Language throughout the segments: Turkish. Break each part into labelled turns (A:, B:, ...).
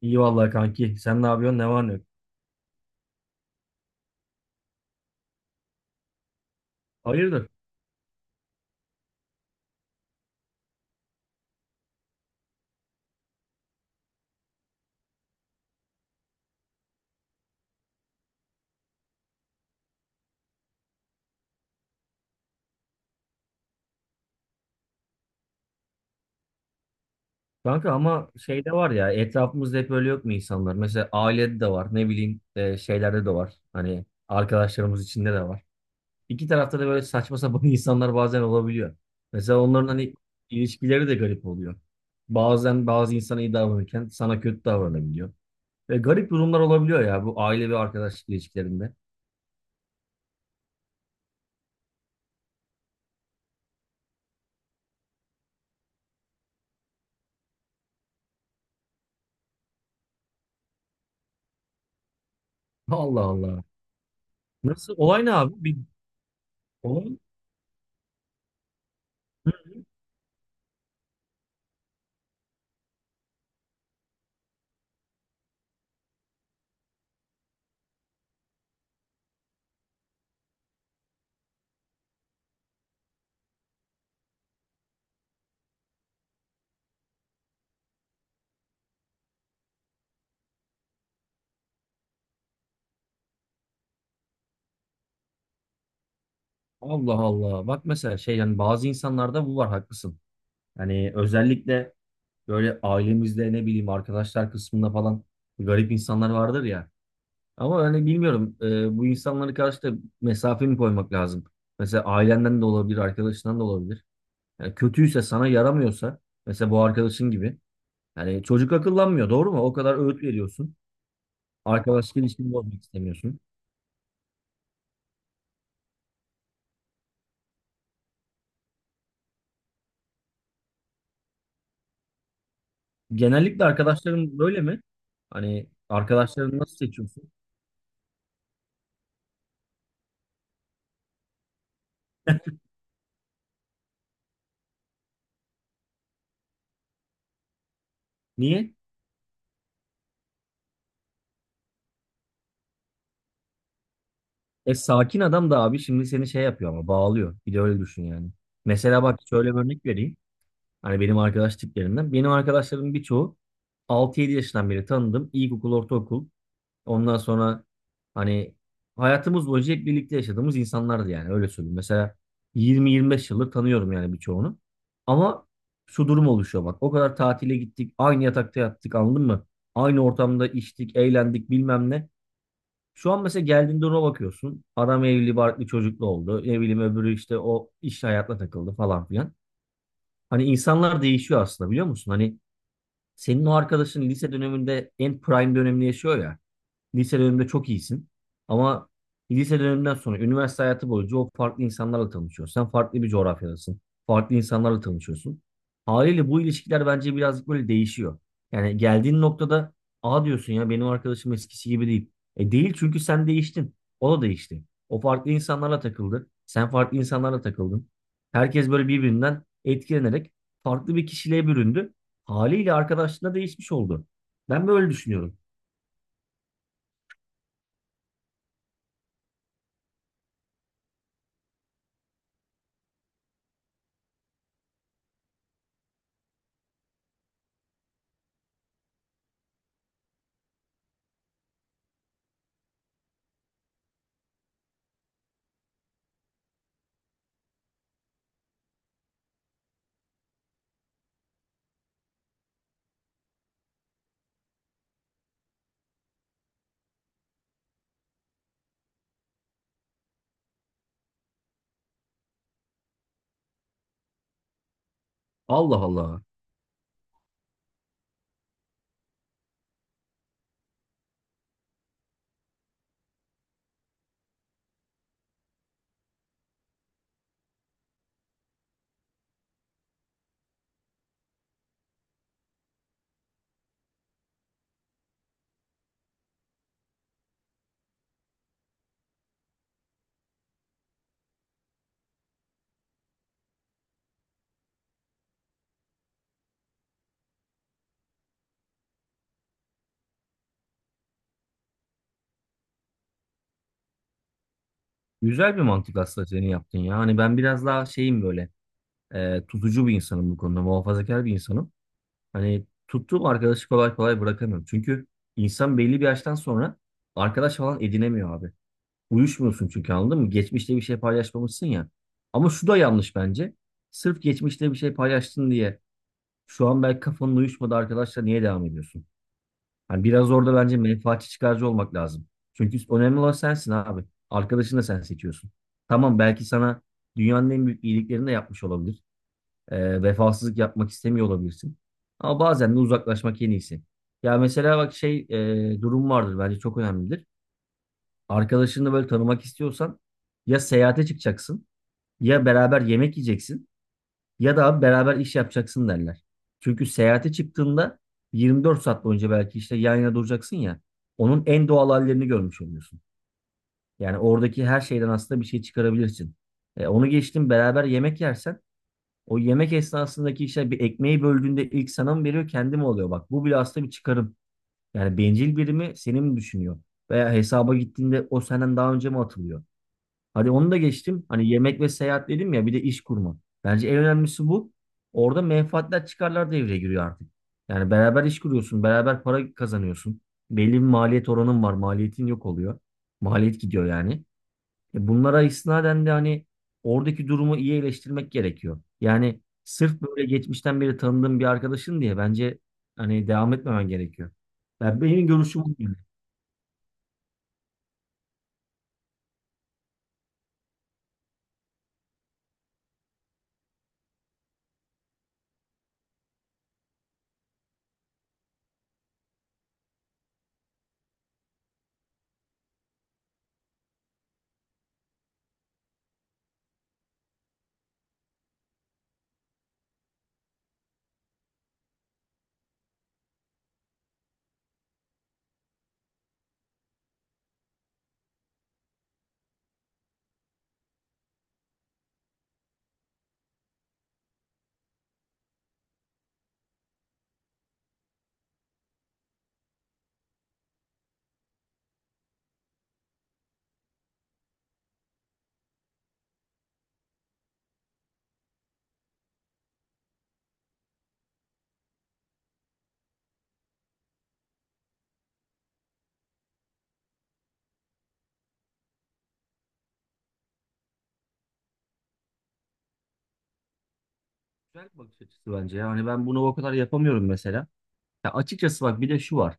A: İyi vallahi kanki. Sen ne yapıyorsun? Ne var ne yok? Hayırdır? Kanka ama şeyde var ya etrafımızda hep öyle yok mu insanlar? Mesela ailede de var. Ne bileyim şeylerde de var. Hani arkadaşlarımız içinde de var. İki tarafta da böyle saçma sapan insanlar bazen olabiliyor. Mesela onların hani ilişkileri de garip oluyor. Bazen bazı insana iyi davranırken sana kötü davranabiliyor. Ve garip durumlar olabiliyor ya bu aile ve arkadaşlık ilişkilerinde. Allah Allah. Nasıl? Olay ne abi? Bir olay. Allah Allah. Bak mesela şey yani bazı insanlarda bu var haklısın. Yani özellikle böyle ailemizde ne bileyim arkadaşlar kısmında falan garip insanlar vardır ya. Ama hani bilmiyorum bu insanlara karşı da mesafe mi koymak lazım? Mesela ailenden de olabilir, arkadaşından da olabilir. Yani kötüyse sana yaramıyorsa mesela bu arkadaşın gibi. Yani çocuk akıllanmıyor doğru mu? O kadar öğüt veriyorsun. Arkadaşlık ilişkini bozmak istemiyorsun. Genellikle arkadaşların böyle mi? Hani arkadaşlarını nasıl seçiyorsun? Niye? E sakin adam da abi şimdi seni şey yapıyor ama bağlıyor. Bir de öyle düşün yani. Mesela bak şöyle bir örnek vereyim. Hani benim arkadaş tiplerinden. Benim arkadaşlarımın birçoğu 6-7 yaşından beri tanıdım. İlkokul, ortaokul. Ondan sonra hani hayatımız boyunca hep birlikte yaşadığımız insanlardı yani öyle söyleyeyim. Mesela 20-25 yıldır tanıyorum yani birçoğunu. Ama şu durum oluşuyor bak. O kadar tatile gittik, aynı yatakta yattık anladın mı? Aynı ortamda içtik, eğlendik bilmem ne. Şu an mesela geldiğinde ona bakıyorsun. Adam evli barklı çocuklu oldu. Ne bileyim öbürü işte o iş hayatına takıldı falan filan. Hani insanlar değişiyor aslında biliyor musun? Hani senin o arkadaşın lise döneminde en prime dönemini yaşıyor ya. Lise döneminde çok iyisin. Ama lise döneminden sonra üniversite hayatı boyunca o farklı insanlarla tanışıyorsun. Sen farklı bir coğrafyadasın. Farklı insanlarla tanışıyorsun. Haliyle bu ilişkiler bence birazcık böyle değişiyor. Yani geldiğin noktada aa diyorsun ya benim arkadaşım eskisi gibi değil. E değil çünkü sen değiştin. O da değişti. O farklı insanlarla takıldı. Sen farklı insanlarla takıldın. Herkes böyle birbirinden etkilenerek farklı bir kişiliğe büründü. Haliyle arkadaşlığında değişmiş oldu. Ben böyle düşünüyorum. Allah Allah. Güzel bir mantık aslında senin yaptın ya. Hani ben biraz daha şeyim böyle tutucu bir insanım bu konuda. Muhafazakar bir insanım. Hani tuttuğum arkadaşı kolay kolay bırakamıyorum. Çünkü insan belli bir yaştan sonra arkadaş falan edinemiyor abi. Uyuşmuyorsun çünkü anladın mı? Geçmişte bir şey paylaşmamışsın ya. Ama şu da yanlış bence. Sırf geçmişte bir şey paylaştın diye şu an belki kafanın uyuşmadı arkadaşla niye devam ediyorsun? Hani biraz orada bence menfaatçi çıkarcı olmak lazım. Çünkü önemli olan sensin abi. Arkadaşını da sen seçiyorsun. Tamam belki sana dünyanın en büyük iyiliklerini de yapmış olabilir. Vefasızlık yapmak istemiyor olabilirsin. Ama bazen de uzaklaşmak en iyisi. Ya mesela bak şey durum vardır bence çok önemlidir. Arkadaşını böyle tanımak istiyorsan ya seyahate çıkacaksın ya beraber yemek yiyeceksin. Ya da abi beraber iş yapacaksın derler. Çünkü seyahate çıktığında 24 saat boyunca belki işte yan yana duracaksın ya. Onun en doğal hallerini görmüş oluyorsun. Yani oradaki her şeyden aslında bir şey çıkarabilirsin. Onu geçtim beraber yemek yersen o yemek esnasındaki işte bir ekmeği böldüğünde ilk sana mı veriyor kendi mi oluyor? Bak bu bile aslında bir çıkarım. Yani bencil biri mi seni mi düşünüyor? Veya hesaba gittiğinde o senden daha önce mi atılıyor? Hadi onu da geçtim. Hani yemek ve seyahat dedim ya bir de iş kurma. Bence en önemlisi bu. Orada menfaatler çıkarlar devreye giriyor artık. Yani beraber iş kuruyorsun, beraber para kazanıyorsun. Belli bir maliyet oranın var, maliyetin yok oluyor. Maliyet gidiyor yani. E bunlara istinaden de hani oradaki durumu iyi eleştirmek gerekiyor. Yani sırf böyle geçmişten beri tanıdığım bir arkadaşın diye bence hani devam etmemen gerekiyor. Benim görüşüm bu. Yani. Güzel bir bakış açısı bence. Yani ben bunu o kadar yapamıyorum mesela. Ya açıkçası bak bir de şu var.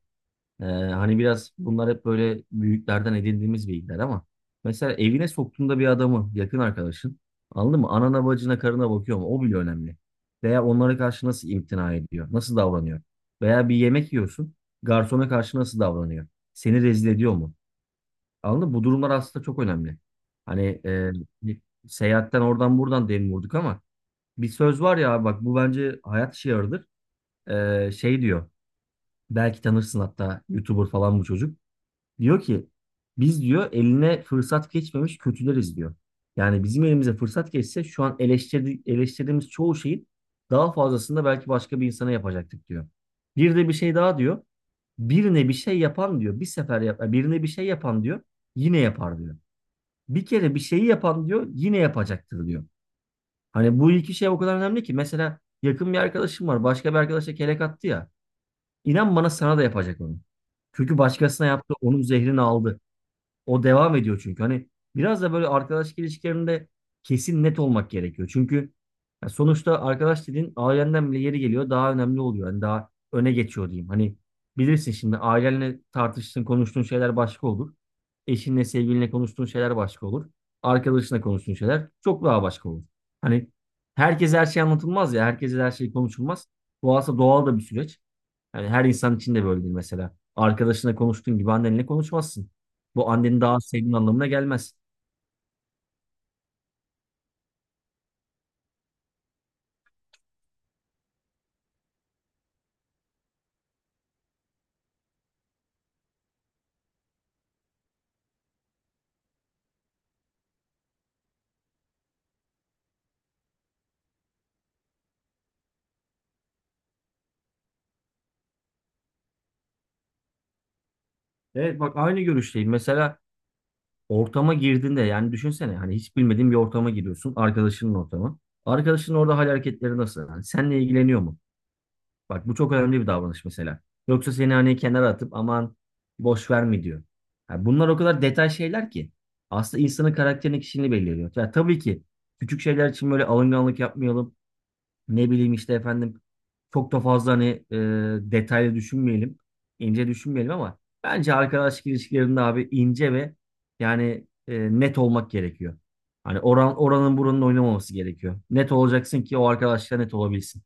A: Hani biraz bunlar hep böyle büyüklerden edindiğimiz bilgiler ama mesela evine soktuğunda bir adamı yakın arkadaşın anladın mı? Anana bacına karına bakıyor mu? O bile önemli. Veya onlara karşı nasıl imtina ediyor? Nasıl davranıyor? Veya bir yemek yiyorsun. Garsona karşı nasıl davranıyor? Seni rezil ediyor mu? Anladın mı? Bu durumlar aslında çok önemli. Hani bir seyahatten oradan buradan dem vurduk ama bir söz var ya abi, bak bu bence hayat şiarıdır. Şey diyor. Belki tanırsın hatta YouTuber falan bu çocuk. Diyor ki biz diyor eline fırsat geçmemiş kötüleriz diyor. Yani bizim elimize fırsat geçse şu an eleştirdiğimiz çoğu şeyin daha fazlasını da belki başka bir insana yapacaktık diyor. Bir de bir şey daha diyor. Birine bir şey yapan diyor. Bir sefer yap, "Yani birine bir şey yapan diyor. Yine yapar diyor. Bir kere bir şeyi yapan diyor. Yine yapacaktır diyor. Hani bu iki şey o kadar önemli ki. Mesela yakın bir arkadaşım var. Başka bir arkadaşa kelek attı ya. İnan bana sana da yapacak onu. Çünkü başkasına yaptı, onun zehrini aldı. O devam ediyor çünkü. Hani biraz da böyle arkadaşlık ilişkilerinde kesin net olmak gerekiyor. Çünkü ya sonuçta arkadaş dediğin ailenden bile yeri geliyor daha önemli oluyor. Hani daha öne geçiyor diyeyim. Hani bilirsin şimdi ailenle tartıştığın, konuştuğun şeyler başka olur. Eşinle, sevgilinle konuştuğun şeyler başka olur. Arkadaşınla konuştuğun şeyler çok daha başka olur. Hani herkese her şey anlatılmaz ya, herkese her şey konuşulmaz. Bu aslında doğal da bir süreç. Yani her insan için de böyledir mesela. Arkadaşına konuştuğun gibi annenle konuşmazsın. Bu anneni daha az sevdiğin anlamına gelmez. Evet bak aynı görüşteyim. Mesela ortama girdiğinde yani düşünsene hani hiç bilmediğin bir ortama giriyorsun. Arkadaşının ortamı. Arkadaşının orada hal hareketleri nasıl? Yani seninle ilgileniyor mu? Bak bu çok önemli bir davranış mesela. Yoksa seni hani kenara atıp aman boş ver mi diyor. Yani bunlar o kadar detay şeyler ki. Aslında insanın karakterini kişiliğini belirliyor. Yani tabii ki küçük şeyler için böyle alınganlık yapmayalım. Ne bileyim işte efendim çok da fazla hani e, detaylı düşünmeyelim. İnce düşünmeyelim ama bence arkadaşlık ilişkilerinde abi ince ve yani net olmak gerekiyor. Hani oranın buranın oynamaması gerekiyor. Net olacaksın ki o arkadaşla net olabilsin.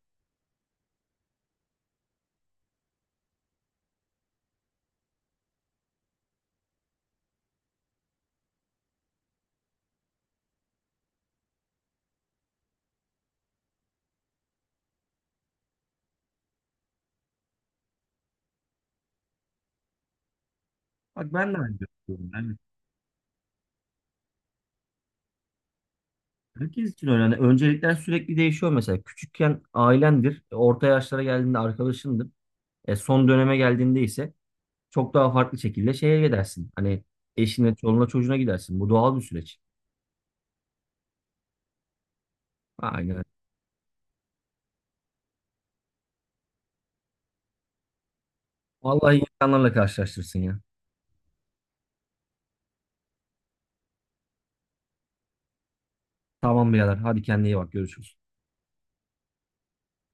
A: Bak ben de aynı düşünüyorum. Yani herkes için öyle. Yani öncelikler sürekli değişiyor mesela. Küçükken ailendir. Orta yaşlara geldiğinde arkadaşındır. Son döneme geldiğinde ise çok daha farklı şekilde şeye gidersin. Hani eşine, çoluğuna, çocuğuna gidersin. Bu doğal bir süreç. Aynen. Vallahi insanlarla karşılaştırsın ya. Tamam birader. Hadi kendine iyi bak. Görüşürüz.